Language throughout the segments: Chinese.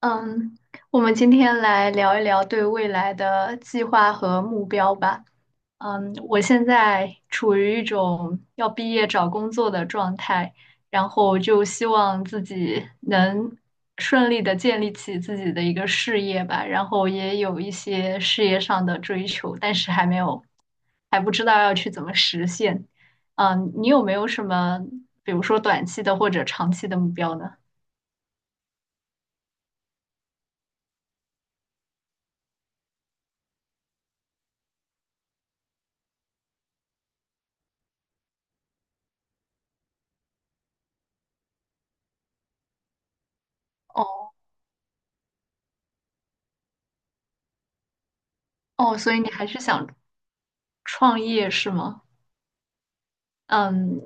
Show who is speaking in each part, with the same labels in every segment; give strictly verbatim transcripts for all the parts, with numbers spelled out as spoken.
Speaker 1: 嗯，我们今天来聊一聊对未来的计划和目标吧。嗯，我现在处于一种要毕业找工作的状态，然后就希望自己能顺利的建立起自己的一个事业吧，然后也有一些事业上的追求，但是还没有，还不知道要去怎么实现。嗯，你有没有什么，比如说短期的或者长期的目标呢？哦，哦，所以你还是想创业是吗？嗯，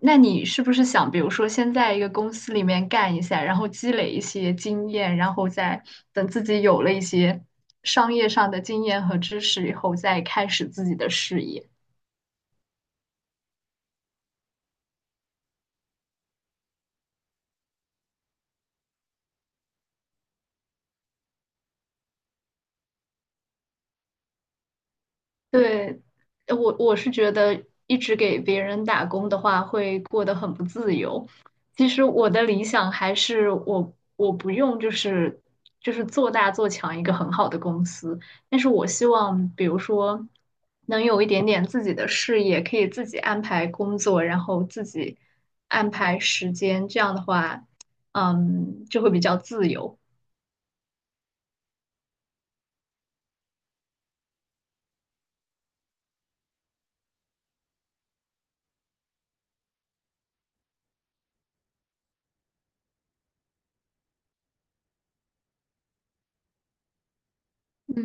Speaker 1: 那你是不是想，比如说先在一个公司里面干一下，然后积累一些经验，然后再等自己有了一些商业上的经验和知识以后，再开始自己的事业？对，呃我我是觉得一直给别人打工的话，会过得很不自由。其实我的理想还是我我不用就是就是做大做强一个很好的公司，但是我希望比如说能有一点点自己的事业，可以自己安排工作，然后自己安排时间，这样的话，嗯，就会比较自由。嗯，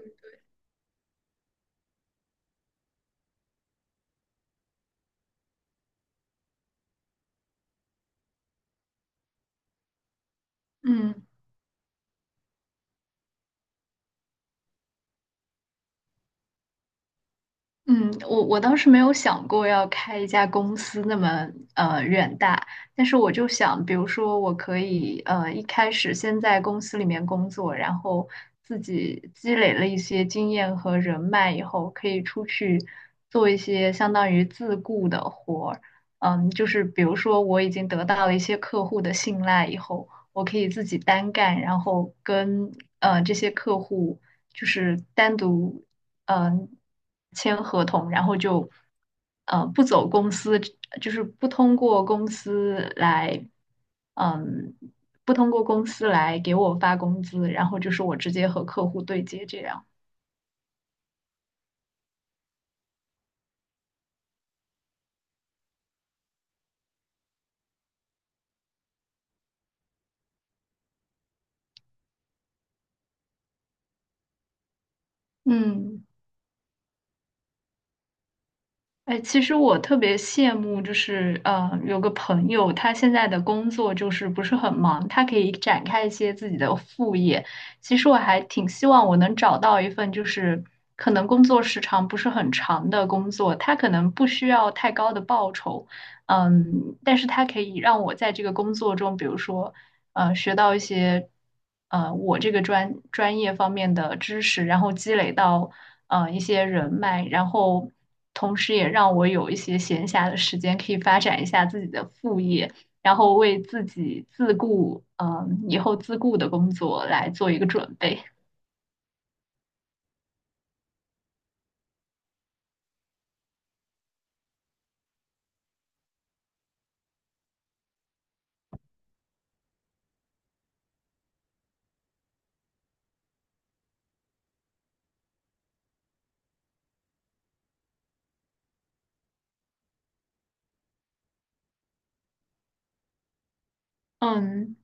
Speaker 1: 嗯。嗯，我我当时没有想过要开一家公司那么呃远大，但是我就想，比如说我可以呃一开始先在公司里面工作，然后自己积累了一些经验和人脉以后，可以出去做一些相当于自雇的活儿。嗯，就是比如说我已经得到了一些客户的信赖以后，我可以自己单干，然后跟呃这些客户。就是单独嗯、呃签合同，然后就呃不走公司，就是不通过公司来嗯不通过公司来给我发工资，然后就是我直接和客户对接这样。嗯。哎，其实我特别羡慕，就是呃，有个朋友，他现在的工作就是不是很忙，他可以展开一些自己的副业。其实我还挺希望我能找到一份，就是可能工作时长不是很长的工作，他可能不需要太高的报酬，嗯，但是他可以让我在这个工作中，比如说呃学到一些呃我这个专专业方面的知识，然后积累到呃一些人脉，然后同时也让我有一些闲暇的时间可以发展一下自己的副业，然后为自己自顾，嗯、以后自顾的工作来做一个准备。嗯，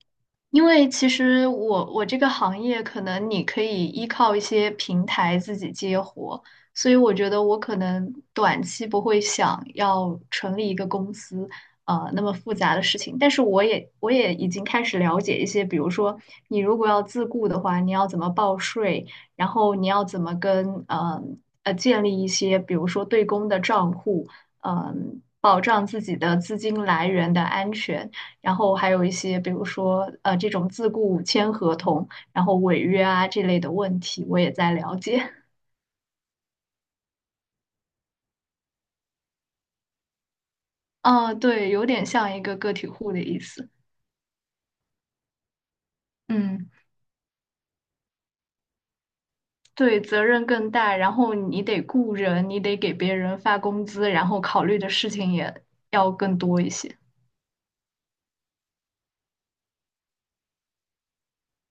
Speaker 1: 因为其实我我这个行业，可能你可以依靠一些平台自己接活，所以我觉得我可能短期不会想要成立一个公司，呃，那么复杂的事情。但是我也我也已经开始了解一些，比如说你如果要自雇的话，你要怎么报税，然后你要怎么跟呃呃建立一些，比如说对公的账户，嗯、保障自己的资金来源的安全。然后还有一些，比如说呃这种自雇签合同，然后违约啊这类的问题，我也在了解。嗯，对，有点像一个个体户的意思。嗯，对，责任更大，然后你得雇人，你得给别人发工资，然后考虑的事情也要更多一些。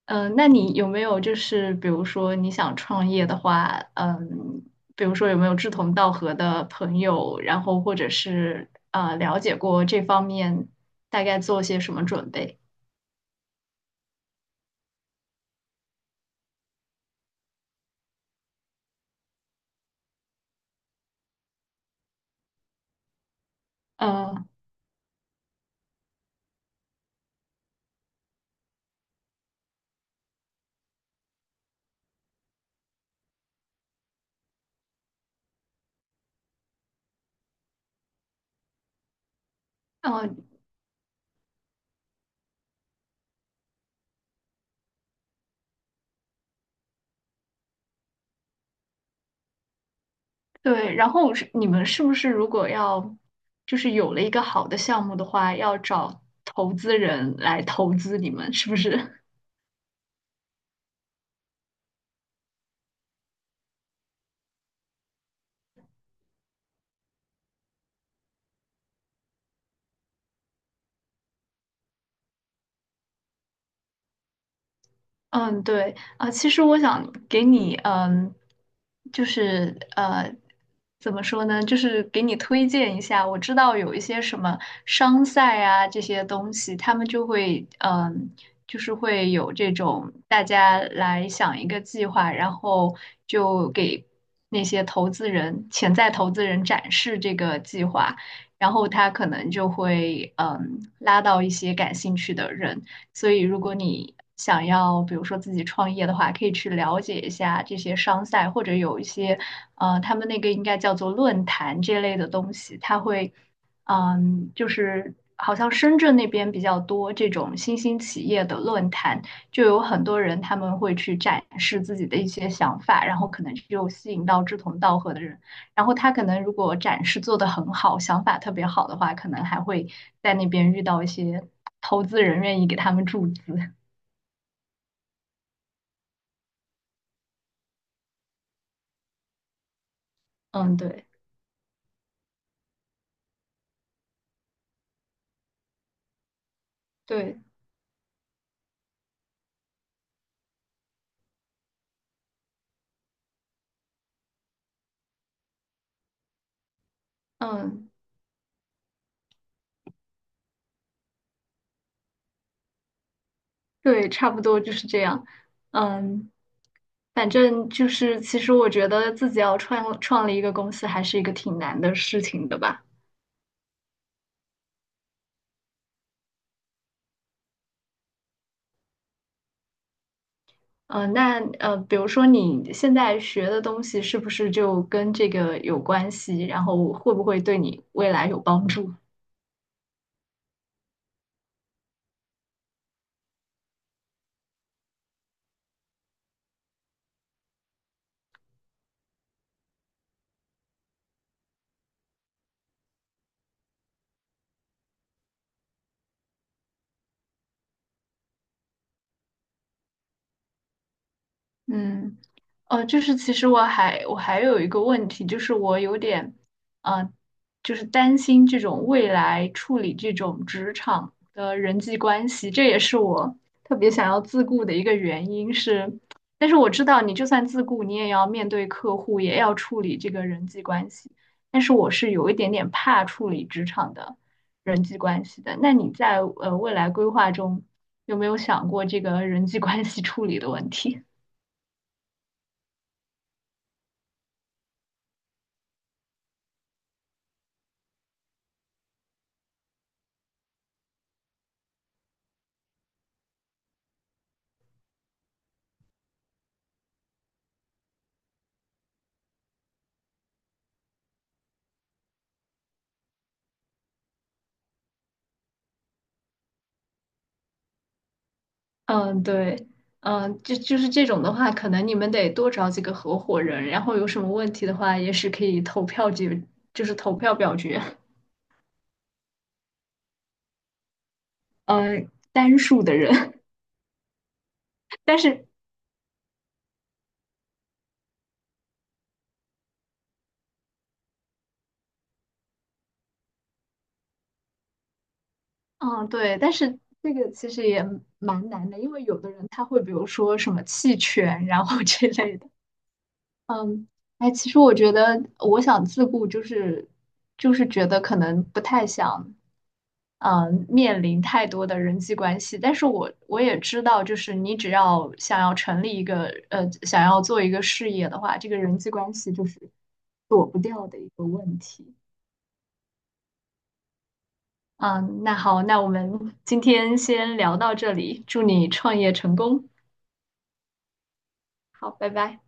Speaker 1: 嗯，那你有没有就是比如说你想创业的话，嗯，比如说有没有志同道合的朋友，然后或者是呃了解过这方面大概做些什么准备？嗯呃，对，然后是你们是不是如果要就是有了一个好的项目的话，要找投资人来投资你们，是不是？嗯，对啊，其实我想给你，嗯，就是呃，怎么说呢，就是给你推荐一下。我知道有一些什么商赛啊这些东西，他们就会，嗯，就是会有这种大家来想一个计划，然后就给那些投资人、潜在投资人展示这个计划，然后他可能就会，嗯，拉到一些感兴趣的人。所以，如果你想要，比如说自己创业的话，可以去了解一下这些商赛，或者有一些，呃，他们那个应该叫做论坛这类的东西，它会，嗯，就是好像深圳那边比较多这种新兴企业的论坛，就有很多人他们会去展示自己的一些想法，然后可能就吸引到志同道合的人然后他可能如果展示做得很好，想法特别好的话，可能还会在那边遇到一些投资人愿意给他们注资。嗯，对对，嗯对，差不多就是这样。嗯，反正就是，其实我觉得自己要创创立一个公司，还是一个挺难的事情的吧。嗯，那呃，比如说你现在学的东西是不是就跟这个有关系？然后会不会对你未来有帮助？嗯。呃，就是其实我还我还有一个问题，就是我有点，呃，就是担心这种未来处理这种职场的人际关系，这也是我特别想要自顾的一个原因是，但是我知道你就算自顾，你也要面对客户，也要处理这个人际关系，但是我是有一点点怕处理职场的人际关系的。那你在呃未来规划中有没有想过这个人际关系处理的问题？嗯，对，嗯，就就是这种的话，可能你们得多找几个合伙人，然后有什么问题的话，也是可以投票解，就是投票表决，呃，单数的人。但是，嗯，对，但是这个其实也蛮难的，因为有的人他会比如说什么弃权，然后 之类的。嗯，哎，其实我觉得我想自顾，就是就是觉得可能不太想。嗯，面临太多的人际关系，但是我我也知道，就是你只要想要成立一个呃，想要做一个事业的话，这个人际关系就是躲不掉的一个问题。嗯，那好，那我们今天先聊到这里，祝你创业成功。好，拜拜。